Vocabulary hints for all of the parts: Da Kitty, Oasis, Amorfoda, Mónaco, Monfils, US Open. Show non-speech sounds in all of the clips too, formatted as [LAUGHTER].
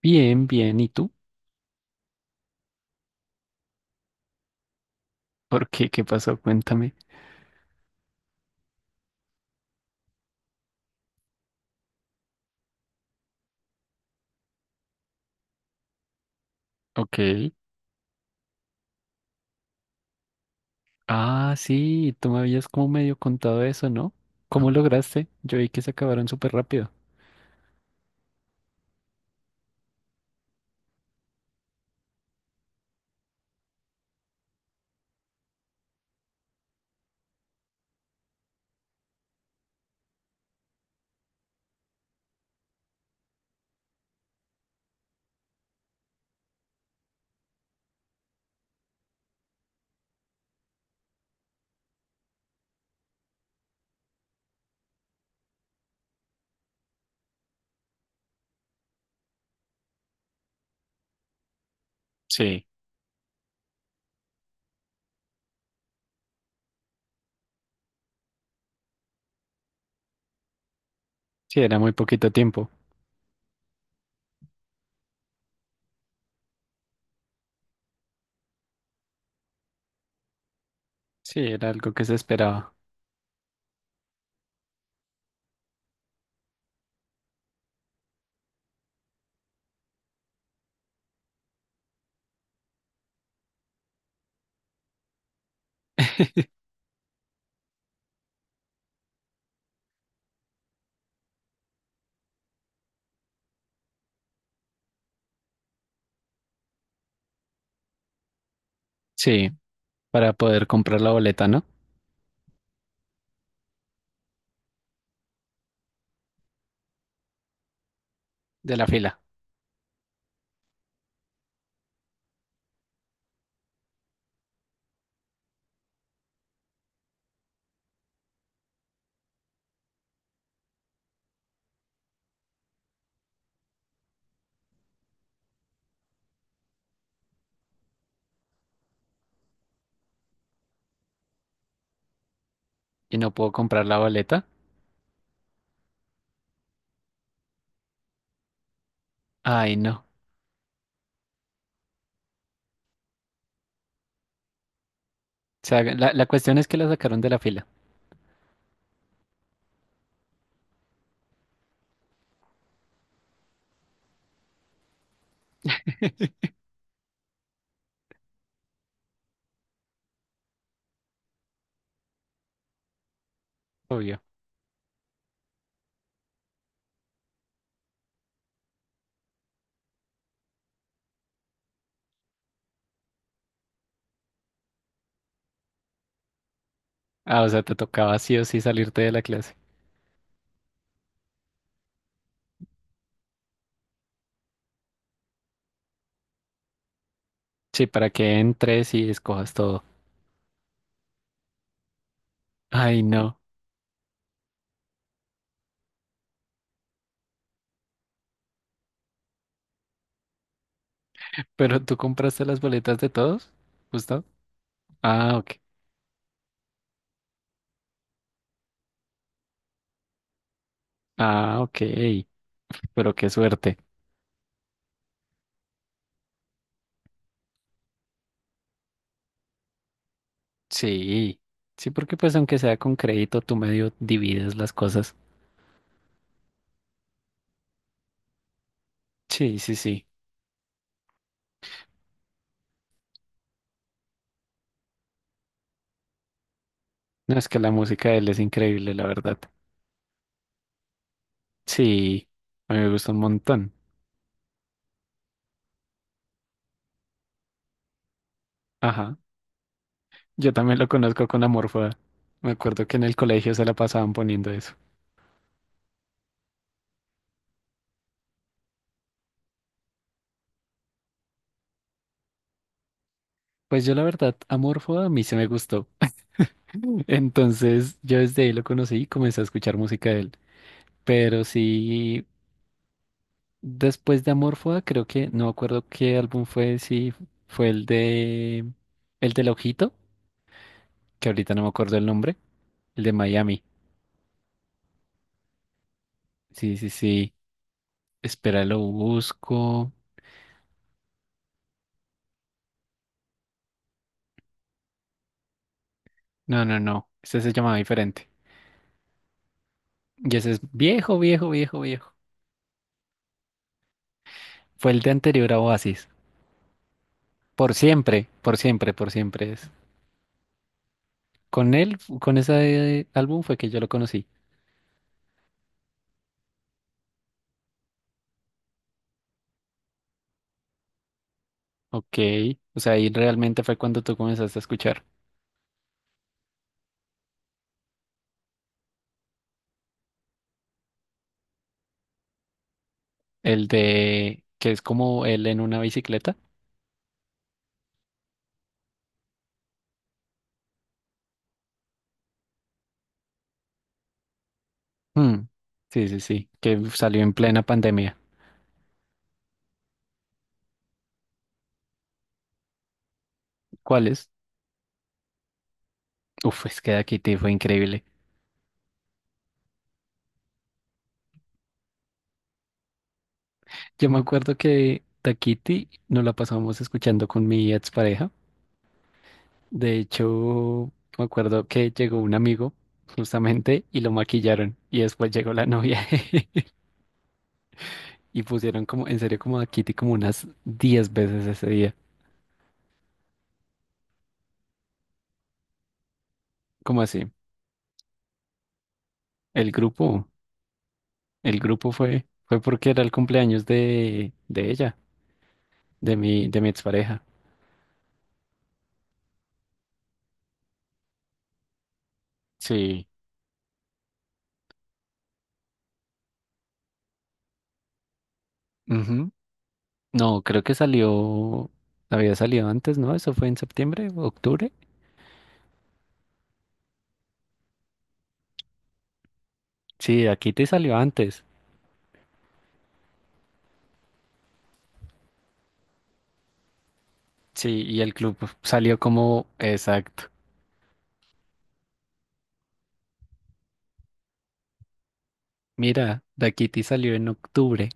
Bien, bien. ¿Y tú? ¿Por qué? ¿Qué pasó? Cuéntame. Ok. Ah, sí, tú me habías como medio contado eso, ¿no? ¿Cómo lograste? Yo vi que se acabaron súper rápido. Sí, sí, era muy poquito tiempo. Sí, era algo que se esperaba. [LAUGHS] Sí, para poder comprar la boleta, ¿no? De la fila. Y no puedo comprar la boleta. Ay, no. O sea, la cuestión es que la sacaron de la fila. Obvio. Ah, o sea, te tocaba sí o sí salirte de la clase. Sí, para que entres y escojas todo. Ay, no. ¿Pero tú compraste las boletas de todos? ¿Justo? Ah, ok. Ah, ok. Pero qué suerte. Sí. Sí, porque pues aunque sea con crédito, tú medio divides las cosas. Sí, sí, sí. No, es que la música de él es increíble, la verdad. Sí, a mí me gusta un montón. Ajá. Yo también lo conozco con Amorfoda. Me acuerdo que en el colegio se la pasaban poniendo eso. Pues yo la verdad, Amorfoda a mí se me gustó. [LAUGHS] Entonces yo desde ahí lo conocí y comencé a escuchar música de él. Pero sí, después de Amorfoda, creo que, no me acuerdo qué álbum fue, si fue el del Ojito, que ahorita no me acuerdo el nombre, el de Miami. Sí, sí, sí. Espera, lo busco. No, no, no. Ese se llamaba diferente. Y ese es viejo, viejo, viejo, viejo. Fue el de anterior a Oasis. Por siempre, por siempre, por siempre es. Con él, con ese álbum fue que yo lo conocí. Ok. O sea, ahí realmente fue cuando tú comenzaste a escuchar. El de que es como él en una bicicleta. Mm, sí, sí, sí, que salió en plena pandemia. ¿Cuál es? Uf, es que Da Kitty fue increíble. Yo me acuerdo que Da Kitty nos la pasábamos escuchando con mi expareja. De hecho, me acuerdo que llegó un amigo justamente y lo maquillaron y después llegó la novia [LAUGHS] y pusieron como, en serio, como Da Kitty como unas 10 veces ese día. ¿Cómo así? El grupo, el grupo fue porque era el cumpleaños de ella, de mi expareja. Sí. No, creo que salió, había salido antes, ¿no? Eso fue en septiembre, octubre. Sí, aquí te salió antes. Sí, y el club salió como, exacto. Mira, Da Kitty salió en octubre.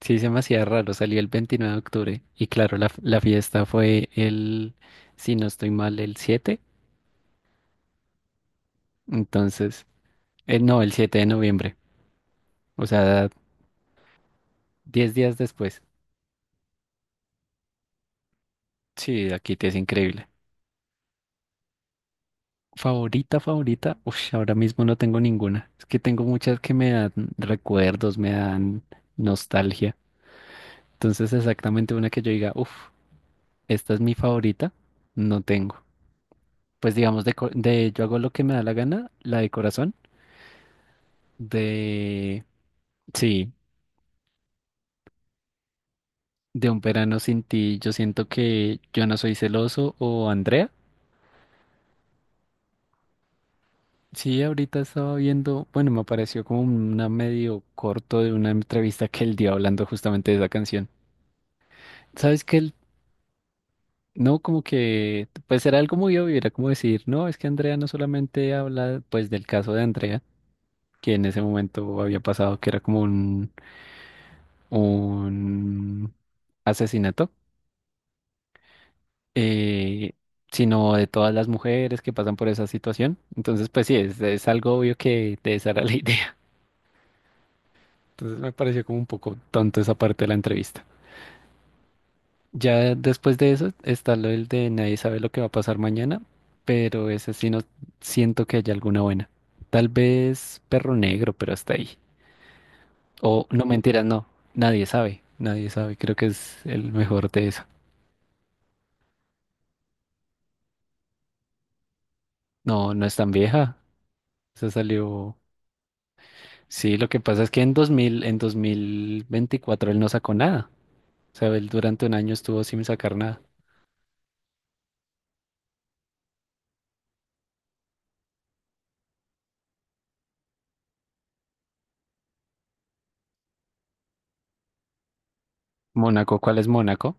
Sí, se me hacía raro, salió el 29 de octubre. Y claro, la fiesta fue el, si no estoy mal, el 7. Entonces, no, el 7 de noviembre. O sea, 10 días después. Sí, Da Kitty es increíble. Favorita, favorita, uff, ahora mismo no tengo ninguna. Es que tengo muchas que me dan recuerdos, me dan nostalgia. Entonces, exactamente una que yo diga, uff, esta es mi favorita, no tengo. Pues digamos, de yo hago lo que me da la gana, la de corazón, de, sí, de un verano sin ti, yo siento que yo no soy celoso o Andrea. Sí, ahorita estaba viendo, bueno, me apareció como una medio corto de una entrevista que él dio hablando justamente de esa canción. ¿Sabes qué? No, como que, pues era algo muy obvio, era como decir, no, es que Andrea no solamente habla pues del caso de Andrea, que en ese momento había pasado que era como un asesinato, eh, sino de todas las mujeres que pasan por esa situación. Entonces, pues sí, es algo obvio que de esa era la [LAUGHS] idea. Entonces me pareció como un poco tonto esa parte de la entrevista. Ya después de eso está lo del de nadie sabe lo que va a pasar mañana, pero ese sí no siento que haya alguna buena. Tal vez Perro Negro, pero hasta ahí. O no mentiras, no. Nadie sabe. Nadie sabe. Creo que es el mejor de eso. No, no es tan vieja. Se salió. Sí, lo que pasa es que en 2024 él no sacó nada. O sea, él durante un año estuvo sin sacar nada. Mónaco, ¿cuál es Mónaco?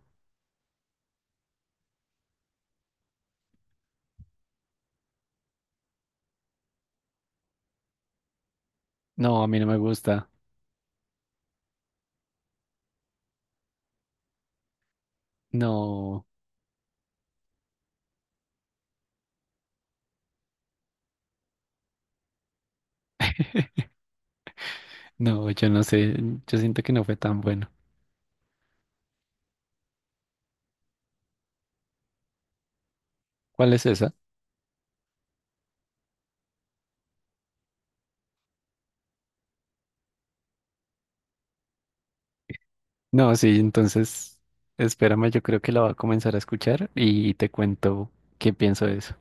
No, a mí no me gusta. No. [LAUGHS] No, yo no sé, yo siento que no fue tan bueno. ¿Cuál es esa? No, sí, entonces espérame, yo creo que la voy a comenzar a escuchar y te cuento qué pienso de eso.